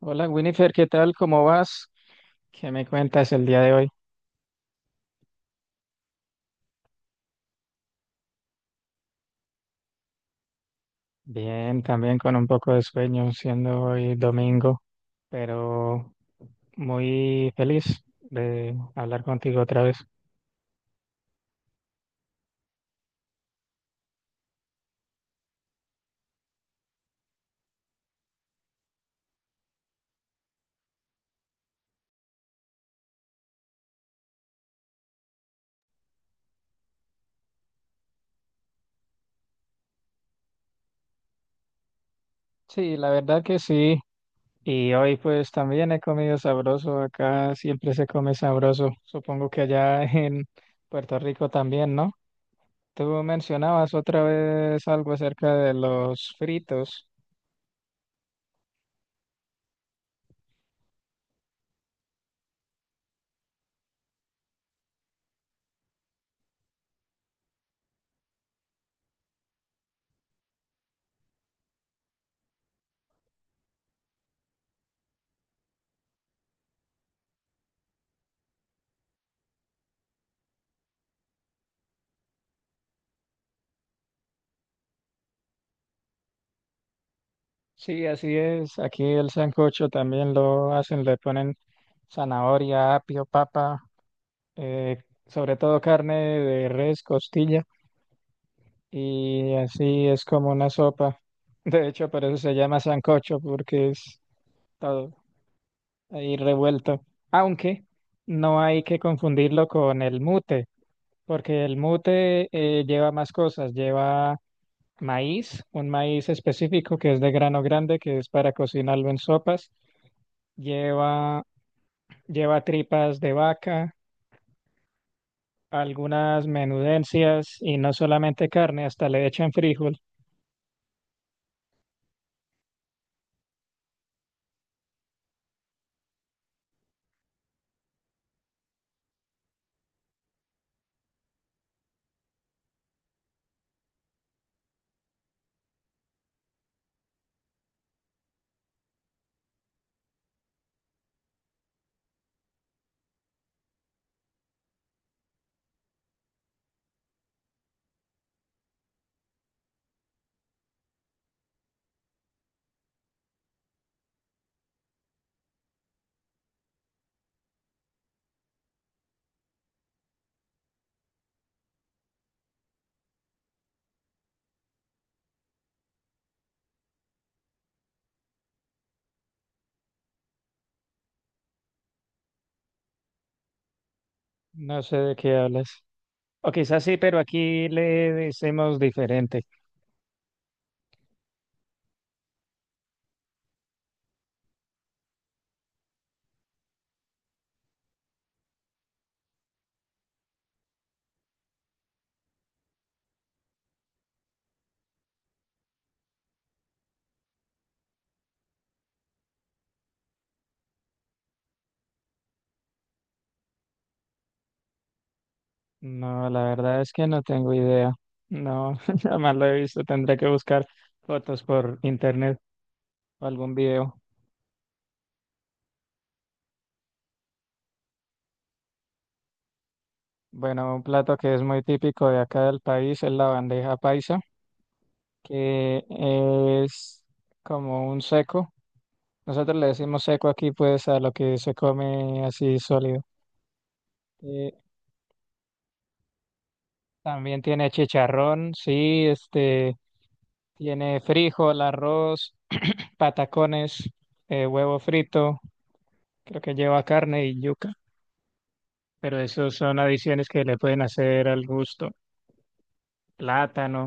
Hola Winifred, ¿qué tal? ¿Cómo vas? ¿Qué me cuentas el día de hoy? Bien, también con un poco de sueño, siendo hoy domingo, pero muy feliz de hablar contigo otra vez. Sí, la verdad que sí. Y hoy pues también he comido sabroso. Acá siempre se come sabroso. Supongo que allá en Puerto Rico también, ¿no? Tú mencionabas otra vez algo acerca de los fritos. Sí, así es. Aquí el sancocho también lo hacen, le ponen zanahoria, apio, papa, eh, sobre todo carne de res, costilla, y así es como una sopa. De hecho, por eso se llama sancocho, porque es todo ahí revuelto. Aunque no hay que confundirlo con el mute, porque el mute lleva más cosas, lleva maíz, un maíz específico que es de grano grande, que es para cocinarlo en sopas. Lleva, lleva tripas de vaca, algunas menudencias y no solamente carne, hasta le echan frijol. No sé de qué hablas. O quizás sí, pero aquí le decimos diferente. No, la verdad es que no tengo idea. No, jamás lo he visto. Tendré que buscar fotos por internet o algún video. Bueno, un plato que es muy típico de acá del país es la bandeja paisa, que es como un seco. Nosotros le decimos seco aquí, pues, a lo que se come así sólido. Eh, también tiene chicharrón, sí, este, tiene frijol, arroz, patacones, huevo frito, creo que lleva carne y yuca, pero esos son adiciones que le pueden hacer al gusto. Plátano.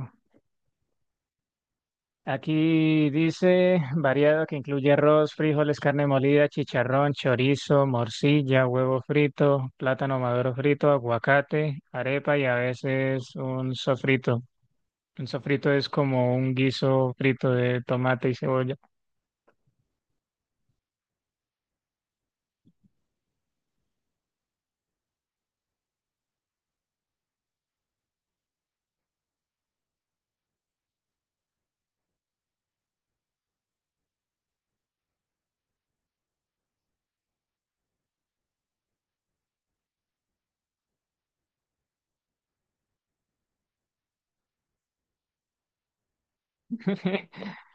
Aquí dice variado que incluye arroz, frijoles, carne molida, chicharrón, chorizo, morcilla, huevo frito, plátano maduro frito, aguacate, arepa y a veces un sofrito. Un sofrito es como un guiso frito de tomate y cebolla.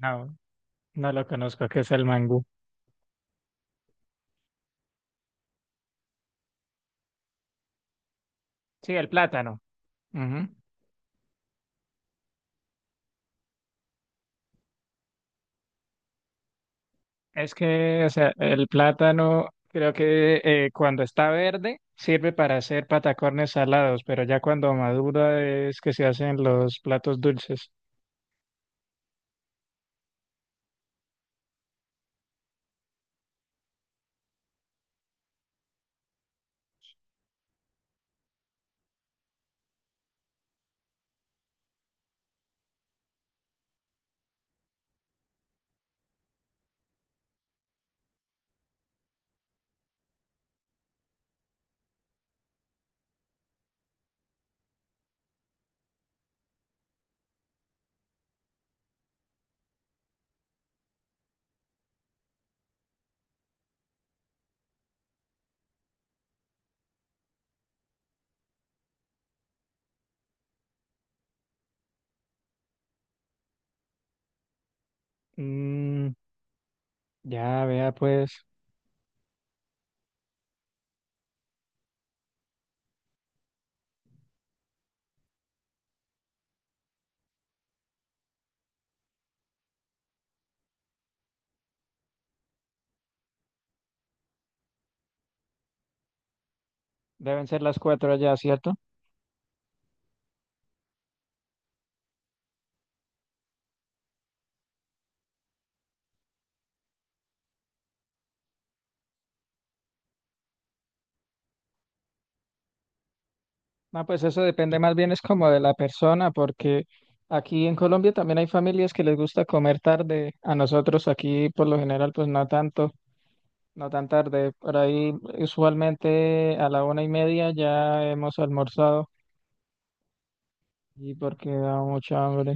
No, no lo conozco, ¿qué es el mangú? Sí, el plátano. Ujú. Es que, o sea, el plátano creo que cuando está verde sirve para hacer patacones salados, pero ya cuando madura es que se hacen los platos dulces. Mm, ya, vea, pues deben ser las cuatro allá, ¿cierto? No, pues eso depende más bien es como de la persona, porque aquí en Colombia también hay familias que les gusta comer tarde. A nosotros aquí por lo general pues no tanto, no tan tarde, por ahí usualmente a la 1:30 ya hemos almorzado, y porque da mucha hambre.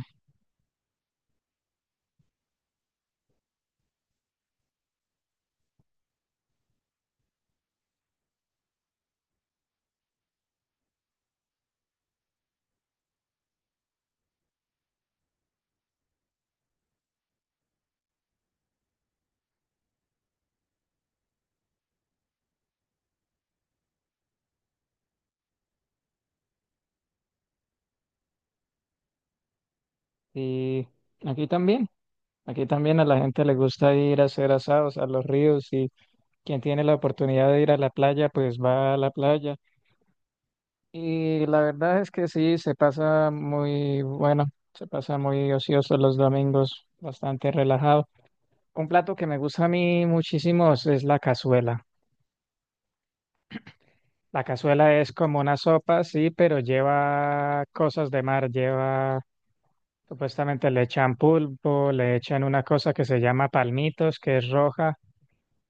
Y aquí también, a la gente le gusta ir a hacer asados a los ríos, y quien tiene la oportunidad de ir a la playa, pues va a la playa. Y la verdad es que sí, se pasa muy bueno, se pasa muy ocioso los domingos, bastante relajado. Un plato que me gusta a mí muchísimo es la cazuela. La cazuela es como una sopa, sí, pero lleva cosas de mar, lleva, supuestamente le echan pulpo, le echan una cosa que se llama palmitos, que es roja,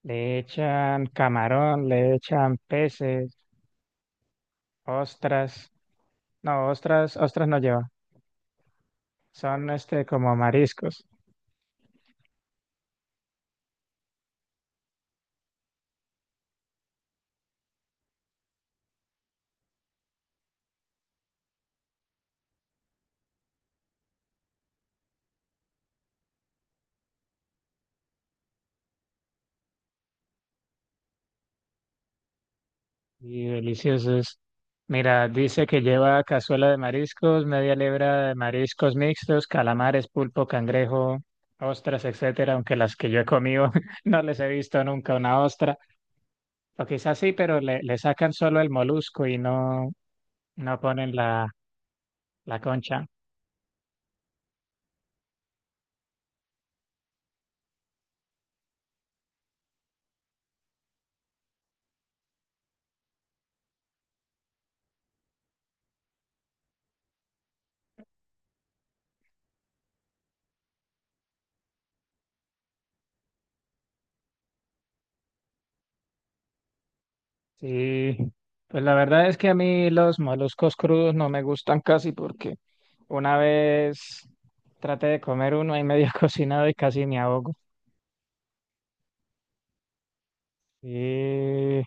le echan camarón, le echan peces, ostras, no, ostras no lleva, son este como mariscos. Y deliciosos. Mira, dice que lleva cazuela de mariscos, media libra de mariscos mixtos, calamares, pulpo, cangrejo, ostras, etcétera, aunque las que yo he comido no les he visto nunca una ostra. O quizás sí, pero le sacan solo el molusco y no, no ponen la concha. Sí, pues la verdad es que a mí los moluscos crudos no me gustan casi porque una vez traté de comer uno ahí medio cocinado y casi me ahogo. Sí,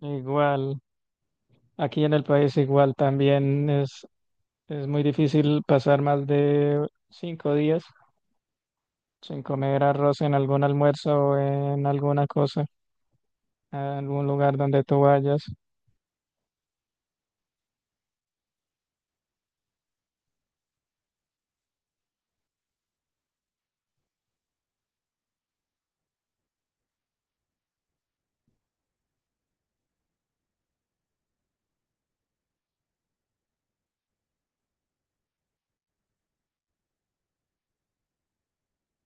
igual, aquí en el país igual también es muy difícil pasar más de 5 días sin comer arroz en algún almuerzo o en alguna cosa, en algún lugar donde tú vayas.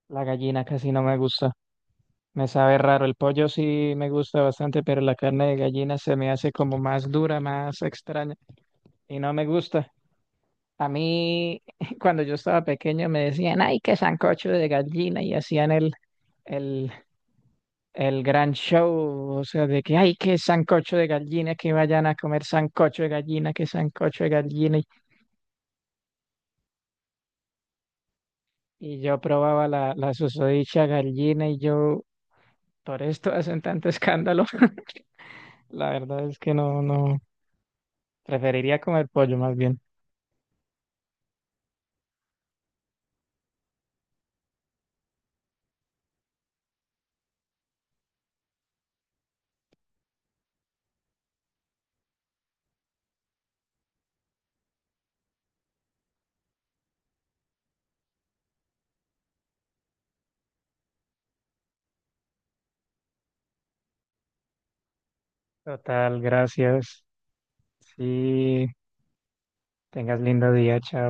La gallina casi no me gusta, me sabe raro. El pollo sí me gusta bastante, pero la carne de gallina se me hace como más dura, más extraña y no me gusta. A mí, cuando yo estaba pequeño, me decían, ay, qué sancocho de gallina, y hacían El, el gran show, o sea, de que hay que sancocho de gallina, que vayan a comer sancocho de gallina, que sancocho de gallina. Y yo probaba la susodicha gallina y yo, ¿por esto hacen tanto escándalo? La verdad es que no, no, preferiría comer pollo más bien. Total, gracias. Sí, tengas lindo día, chao.